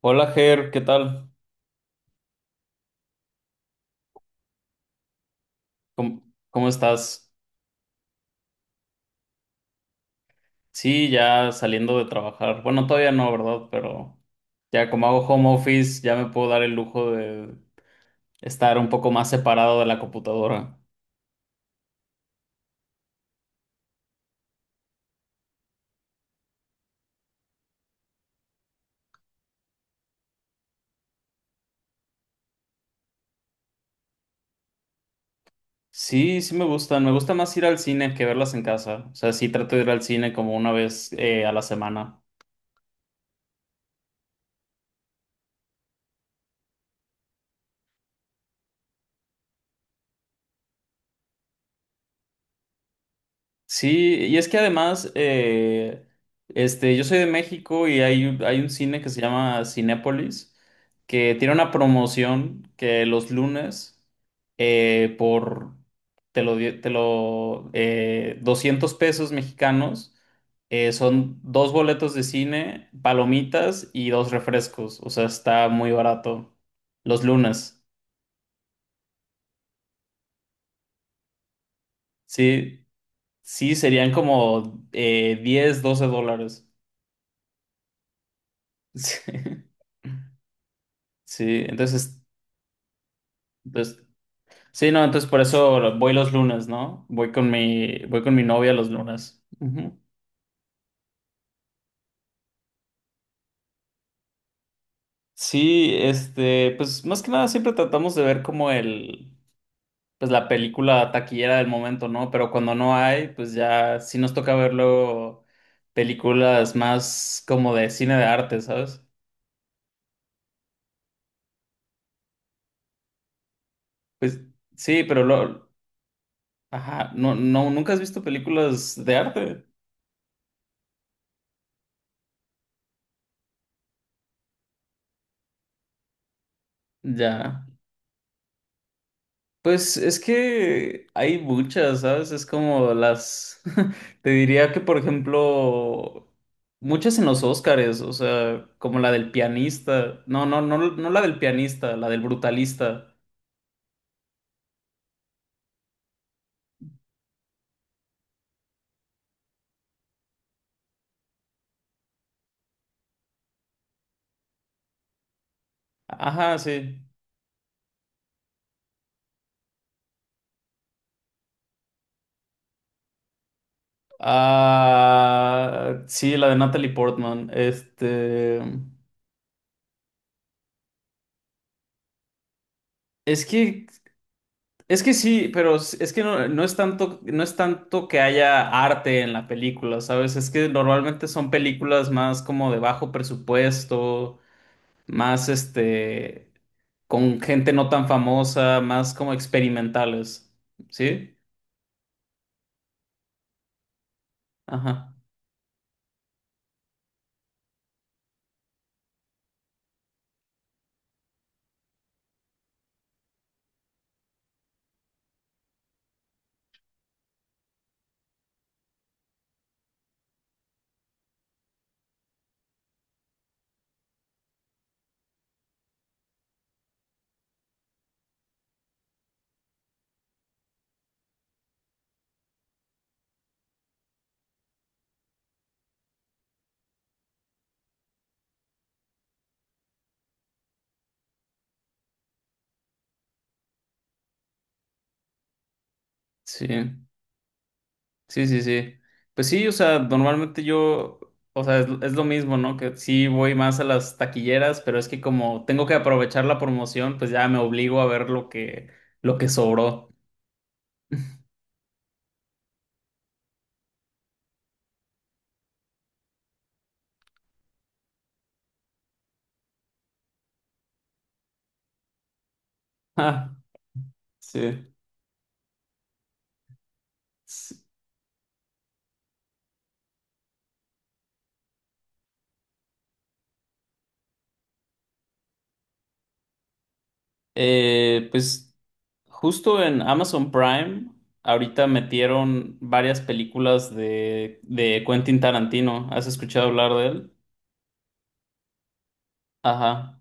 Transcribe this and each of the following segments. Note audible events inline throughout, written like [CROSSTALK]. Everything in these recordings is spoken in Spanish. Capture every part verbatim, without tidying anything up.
Hola Ger, ¿qué tal? ¿Cómo, cómo estás? Sí, ya saliendo de trabajar. Bueno, todavía no, ¿verdad? Pero ya como hago home office, ya me puedo dar el lujo de estar un poco más separado de la computadora. Sí, sí me gustan. Me gusta más ir al cine que verlas en casa. O sea, sí trato de ir al cine como una vez eh, a la semana. Sí, y es que además, eh, este, yo soy de México y hay, un- hay un cine que se llama Cinépolis, que tiene una promoción que los lunes, eh, por, te lo, di- te lo, eh, doscientos pesos mexicanos, eh, son dos boletos de cine, palomitas y dos refrescos, o sea, está muy barato. Los lunes, sí, sí, serían como eh, diez, doce dólares. [LAUGHS] Sí, entonces, pues, sí, no, entonces por eso voy los lunes, ¿no? Voy con mi, voy con mi novia los lunes. Ujú. Sí, este, pues más que nada siempre tratamos de ver como el, pues la película taquillera del momento, ¿no? Pero cuando no hay, pues ya sí nos toca ver luego películas más como de cine de arte, ¿sabes? Pues sí, pero lo, ajá, no, no, ¿nunca has visto películas de arte? Ya. Pues es que hay muchas, ¿sabes? Es como las... [LAUGHS] Te diría que, por ejemplo, muchas en los Óscares, o sea, como la del pianista. No, no, no, no la del pianista, la del brutalista. Ajá, sí. Ah, sí, la de Natalie Portman. Este... Es que Es que sí, pero s- es que no, no es tanto, no es tanto que haya arte en la película, ¿sabes? Es que normalmente son películas más como de bajo presupuesto, más este, con gente no tan famosa, más como experimentales, ¿sí? Ajá, sí, sí, sí, sí. Pues sí, o sea, normalmente yo, o sea, es, es lo mismo, ¿no? Que sí voy más a las taquilleras, pero es que como tengo que aprovechar la promoción, pues ya me obligo a ver lo que, lo que sobró. Ah, sí. S- eh, pues Justo en Amazon Prime, ahorita metieron varias películas de, de Quentin Tarantino. ¿Has escuchado hablar de él? Ajá.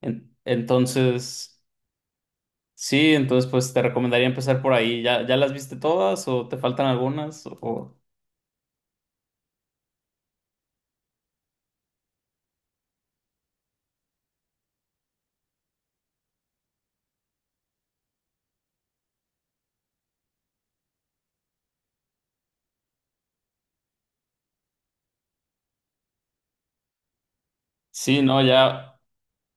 En- entonces, sí, entonces pues te recomendaría empezar por ahí. ¿Ya, ya las viste todas o te faltan algunas? O... Sí, no, ya.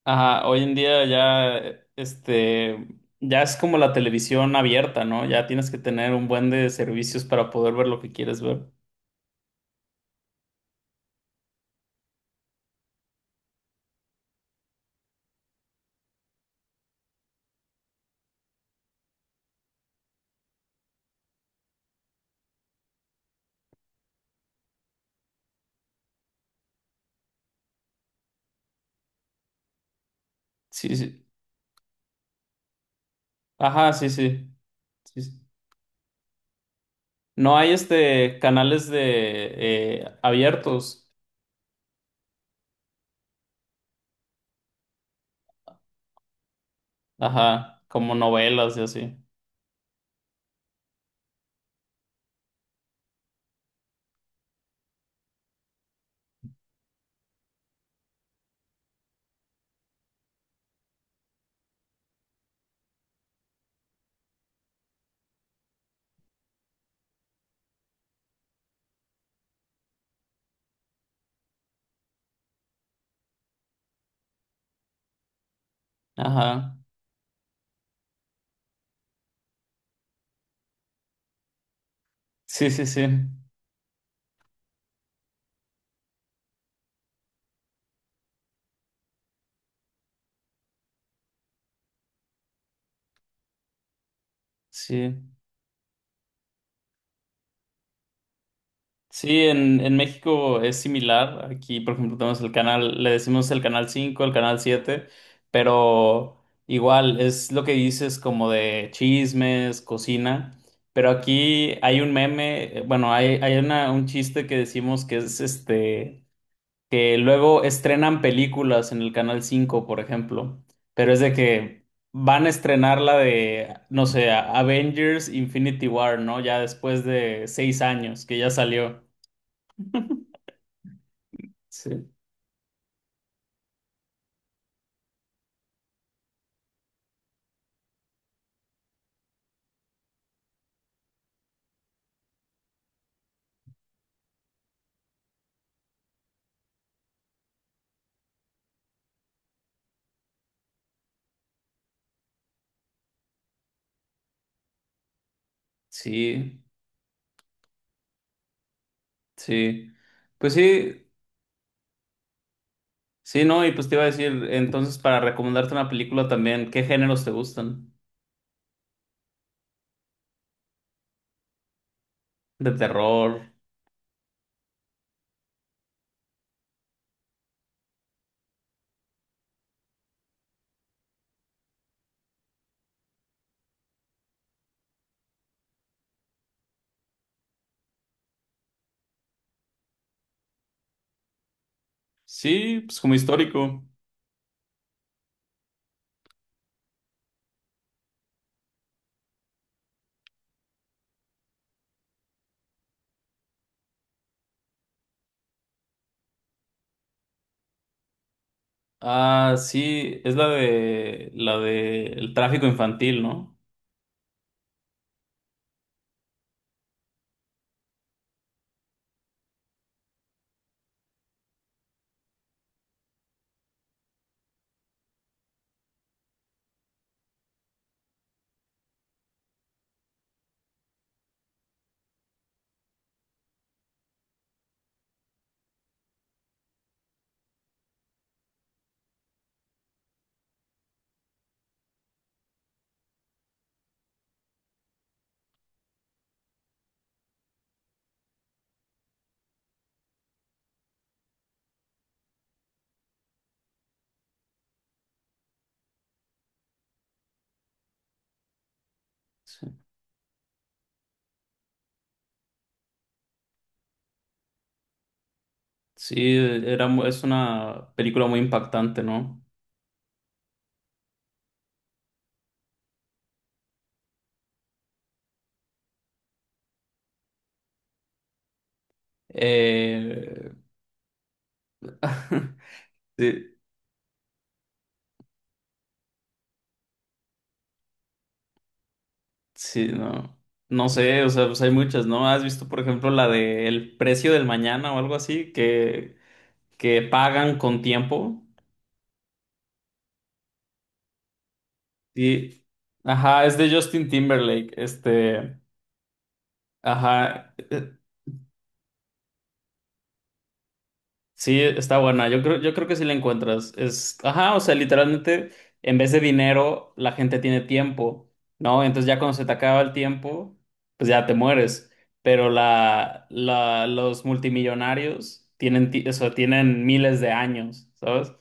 Ajá, hoy en día ya, eh, este, ya es como la televisión abierta, ¿no? Ya tienes que tener un buen de servicios para poder ver lo que quieres ver. Sí, sí. Ajá, sí, sí. Sí, sí. No hay, este, canales de, eh, abiertos. Ajá, como novelas y así. Ajá. Sí, sí, sí. Sí. Sí, en, en México es similar. Aquí, por ejemplo, tenemos el canal, le decimos el canal cinco, el canal siete, pero igual es lo que dices como de chismes, cocina. Pero aquí hay un meme, eh, bueno, hay, hay una- un chiste que decimos que es este, que luego estrenan películas en el canal cinco, por ejemplo, pero es de que van a estrenar la de, no sé, Avengers Infinity War, ¿no? Ya después de seis años que ya salió. Sí, sí, sí. Pues sí, sí, no, y pues te iba a decir, entonces para recomendarte una película también, ¿qué géneros te gustan? De terror. Sí, pues como histórico. Ah, sí, es la de la de el tráfico infantil, ¿no? Sí, sí, era mu- es una película muy impactante, ¿no? Eh, [LAUGHS] sí, sí, no. No sé, o sea, pues hay muchas, ¿no? ¿Has visto, por ejemplo, la de El precio del mañana o algo así? Que que pagan con tiempo. Y, ajá, es de Justin Timberlake. Este, ajá, eh, sí, está buena. Yo creo, yo creo que sí la encuentras. Es, ajá, o sea, literalmente, en vez de dinero, la gente tiene tiempo, ¿no? Entonces ya cuando se te acaba el tiempo, pues ya te mueres. Pero la, la, los multimillonarios tienen, ti- o sea, tienen miles de años, ¿sabes?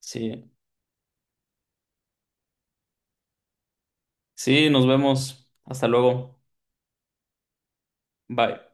Sí, sí, nos vemos. Hasta luego. Bye.